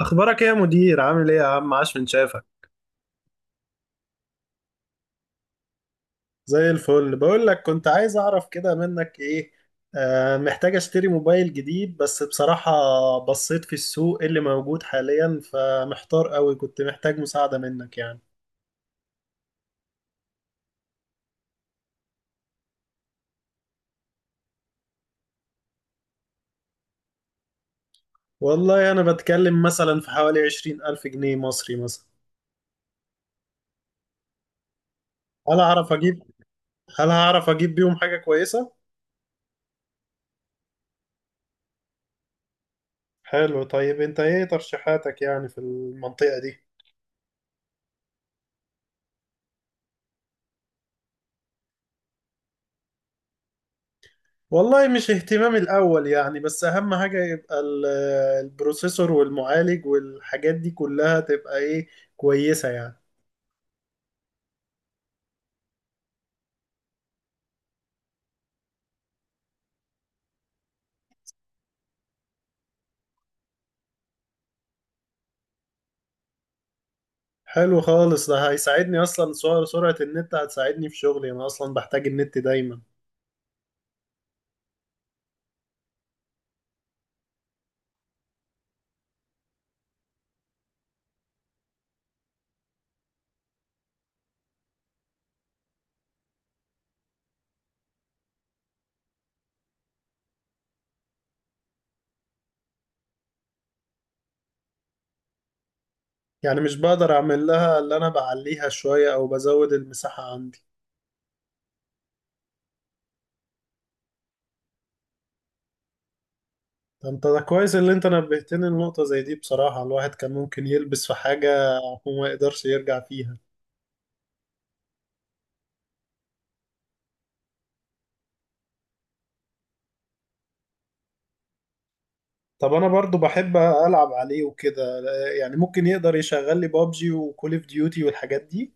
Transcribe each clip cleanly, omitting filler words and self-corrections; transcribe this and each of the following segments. اخبارك ايه يا مدير؟ عامل ايه يا عم؟ عاش من شافك. زي الفل. بقول لك، كنت عايز اعرف كده منك ايه، محتاج اشتري موبايل جديد بس بصراحة بصيت في السوق اللي موجود حاليا، فمحتار قوي. كنت محتاج مساعدة منك يعني. والله انا بتكلم مثلا في حوالي 20,000 جنيه مصري مثلا. هل هعرف اجيب هل هعرف اجيب بيهم حاجة كويسة؟ حلو. طيب انت ايه ترشيحاتك يعني في المنطقة دي؟ والله مش اهتمامي الأول يعني، بس أهم حاجة يبقى البروسيسور والمعالج والحاجات دي كلها، تبقى إيه، كويسة يعني. حلو خالص، ده هيساعدني أصلا. سرعة النت هتساعدني في شغلي، أنا أصلا بحتاج النت دايما. يعني مش بقدر أعمل لها اللي أنا بعليها شوية أو بزود المساحة عندي؟ ده أنت ده كويس اللي أنت نبهتني لنقطة زي دي، بصراحة الواحد كان ممكن يلبس في حاجة وما يقدرش يرجع فيها. طب انا برضو بحب العب عليه وكده، يعني ممكن يقدر يشغل لي بابجي وكول اوف ديوتي والحاجات دي؟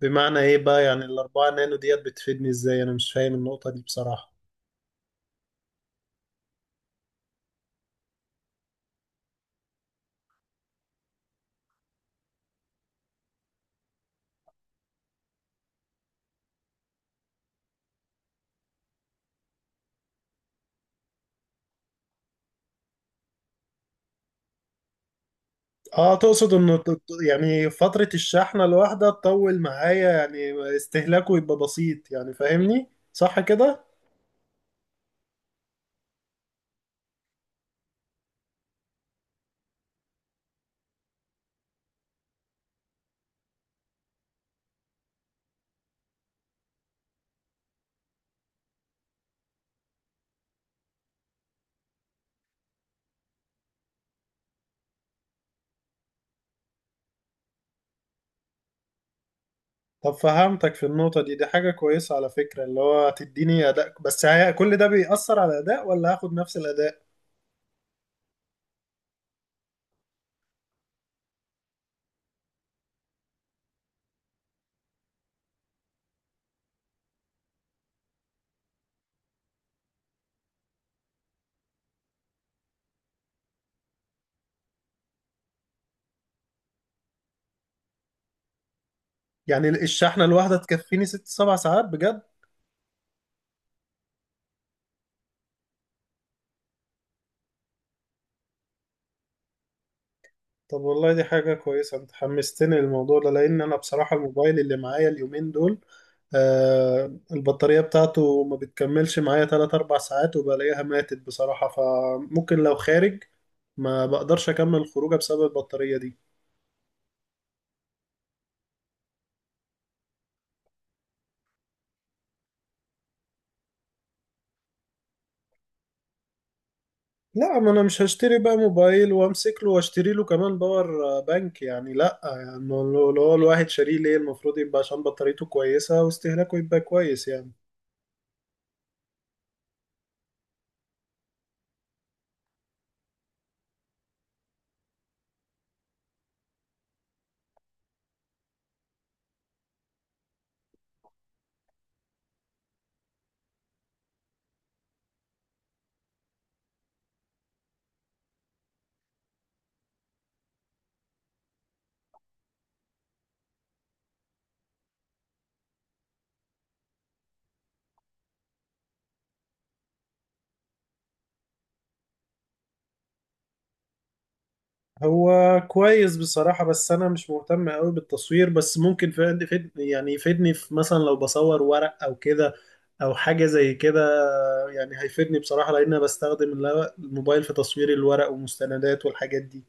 بمعنى ايه بقى يعني 4 نانو ديت بتفيدني ازاي؟ انا مش فاهم النقطة دي بصراحة. اه، تقصد انه يعني فترة الشحنة الواحدة تطول معايا، يعني استهلاكه يبقى بسيط، يعني فاهمني صح كده؟ طب فهمتك في النقطة دي، دي حاجة كويسة على فكرة، اللي هو تديني أداء، بس هي كل ده بيأثر على الأداء ولا هاخد نفس الأداء؟ يعني الشحنة الواحدة تكفيني 6 7 ساعات بجد؟ طب والله دي حاجة كويسة، انت حمستني للموضوع ده، لان انا بصراحة الموبايل اللي معايا اليومين دول، البطارية بتاعته ما بتكملش معايا 3 4 ساعات وبلاقيها ماتت بصراحة، فممكن لو خارج ما بقدرش اكمل الخروجه بسبب البطارية دي. لا، ما انا مش هشتري بقى موبايل وامسك له واشتري له كمان باور بانك يعني. لا يعني، لو هو الواحد شاريه، ليه؟ المفروض يبقى عشان بطاريته كويسة واستهلاكه يبقى كويس يعني. هو كويس بصراحة، بس أنا مش مهتم أوي بالتصوير، بس ممكن يعني يفيدني في مثلا لو بصور ورق أو كده، أو حاجة زي كده. يعني هيفيدني بصراحة، لأن أنا بستخدم الموبايل في تصوير الورق والمستندات والحاجات دي.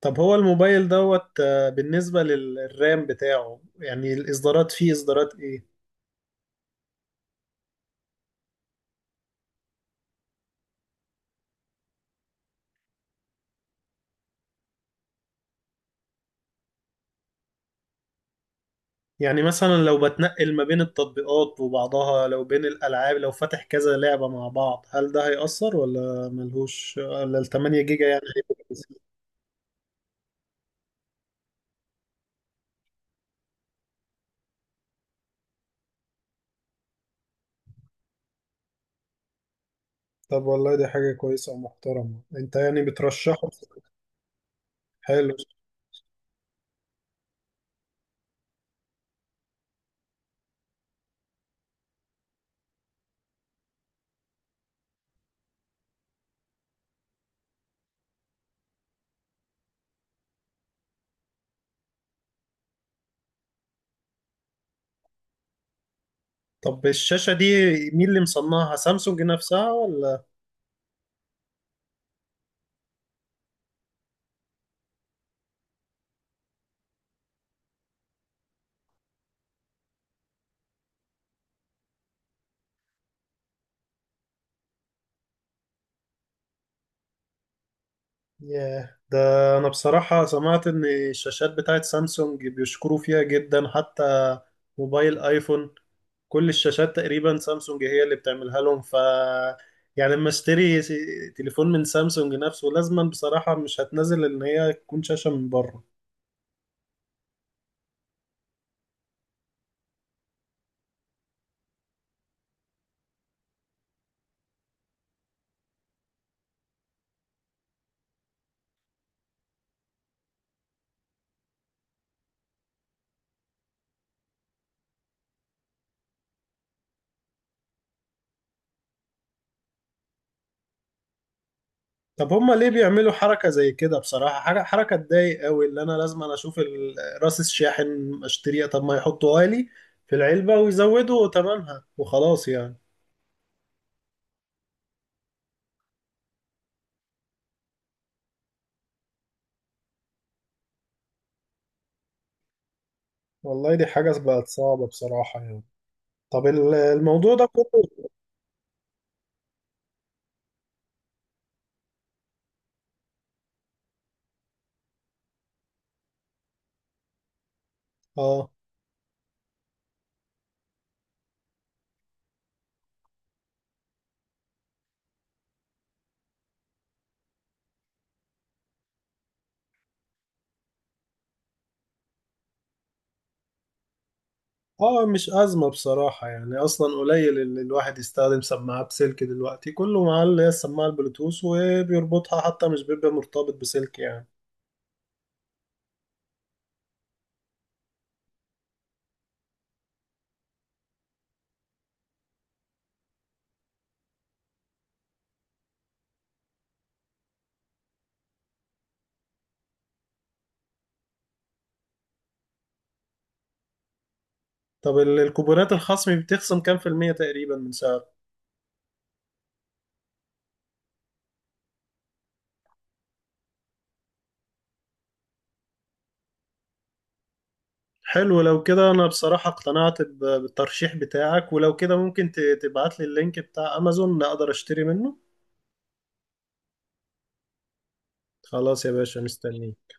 طب هو الموبايل دوت، بالنسبة للرام بتاعه، يعني الإصدارات، فيه إصدارات إيه؟ يعني مثلا لو بتنقل ما بين التطبيقات وبعضها، لو بين الألعاب، لو فاتح كذا لعبة مع بعض، هل ده هيأثر ولا ملهوش، ولا 8 جيجا يعني؟ طب والله دي حاجة كويسة ومحترمة، انت يعني بترشحه. حلو. طب الشاشة دي مين اللي مصنعها، سامسونج نفسها ولا؟ ياه، ده انا بصراحة سمعت ان الشاشات بتاعت سامسونج بيشكروا فيها جدا، حتى موبايل ايفون كل الشاشات تقريبا سامسونج هي اللي بتعملها لهم، ف يعني لما اشتري تليفون من سامسونج نفسه، لازما بصراحة مش هتنزل ان هي تكون شاشة من بره. طب هما ليه بيعملوا حركة زي كده بصراحة؟ حاجة حركة تضايق قوي، اللي انا لازم اشوف راس الشاحن اشتريها؟ طب ما يحطوها لي في العلبة ويزودوا ثمنها وخلاص يعني. والله دي حاجة بقت صعبة بصراحة يعني. طب الموضوع ده كله. اه. اه، مش أزمة بصراحة يعني، أصلا قليل اللي الواحد يستخدم سماعة بسلك دلوقتي، كله معاه اللي هي السماعة البلوتوث وبيربطها، حتى مش بيبقى مرتبط بسلك يعني. طب الكوبونات الخصم بتخصم كام في المية تقريبا من سعر؟ حلو، لو كده انا بصراحة اقتنعت بالترشيح بتاعك، ولو كده ممكن تبعت لي اللينك بتاع امازون اقدر اشتري منه؟ خلاص يا باشا، مستنيك.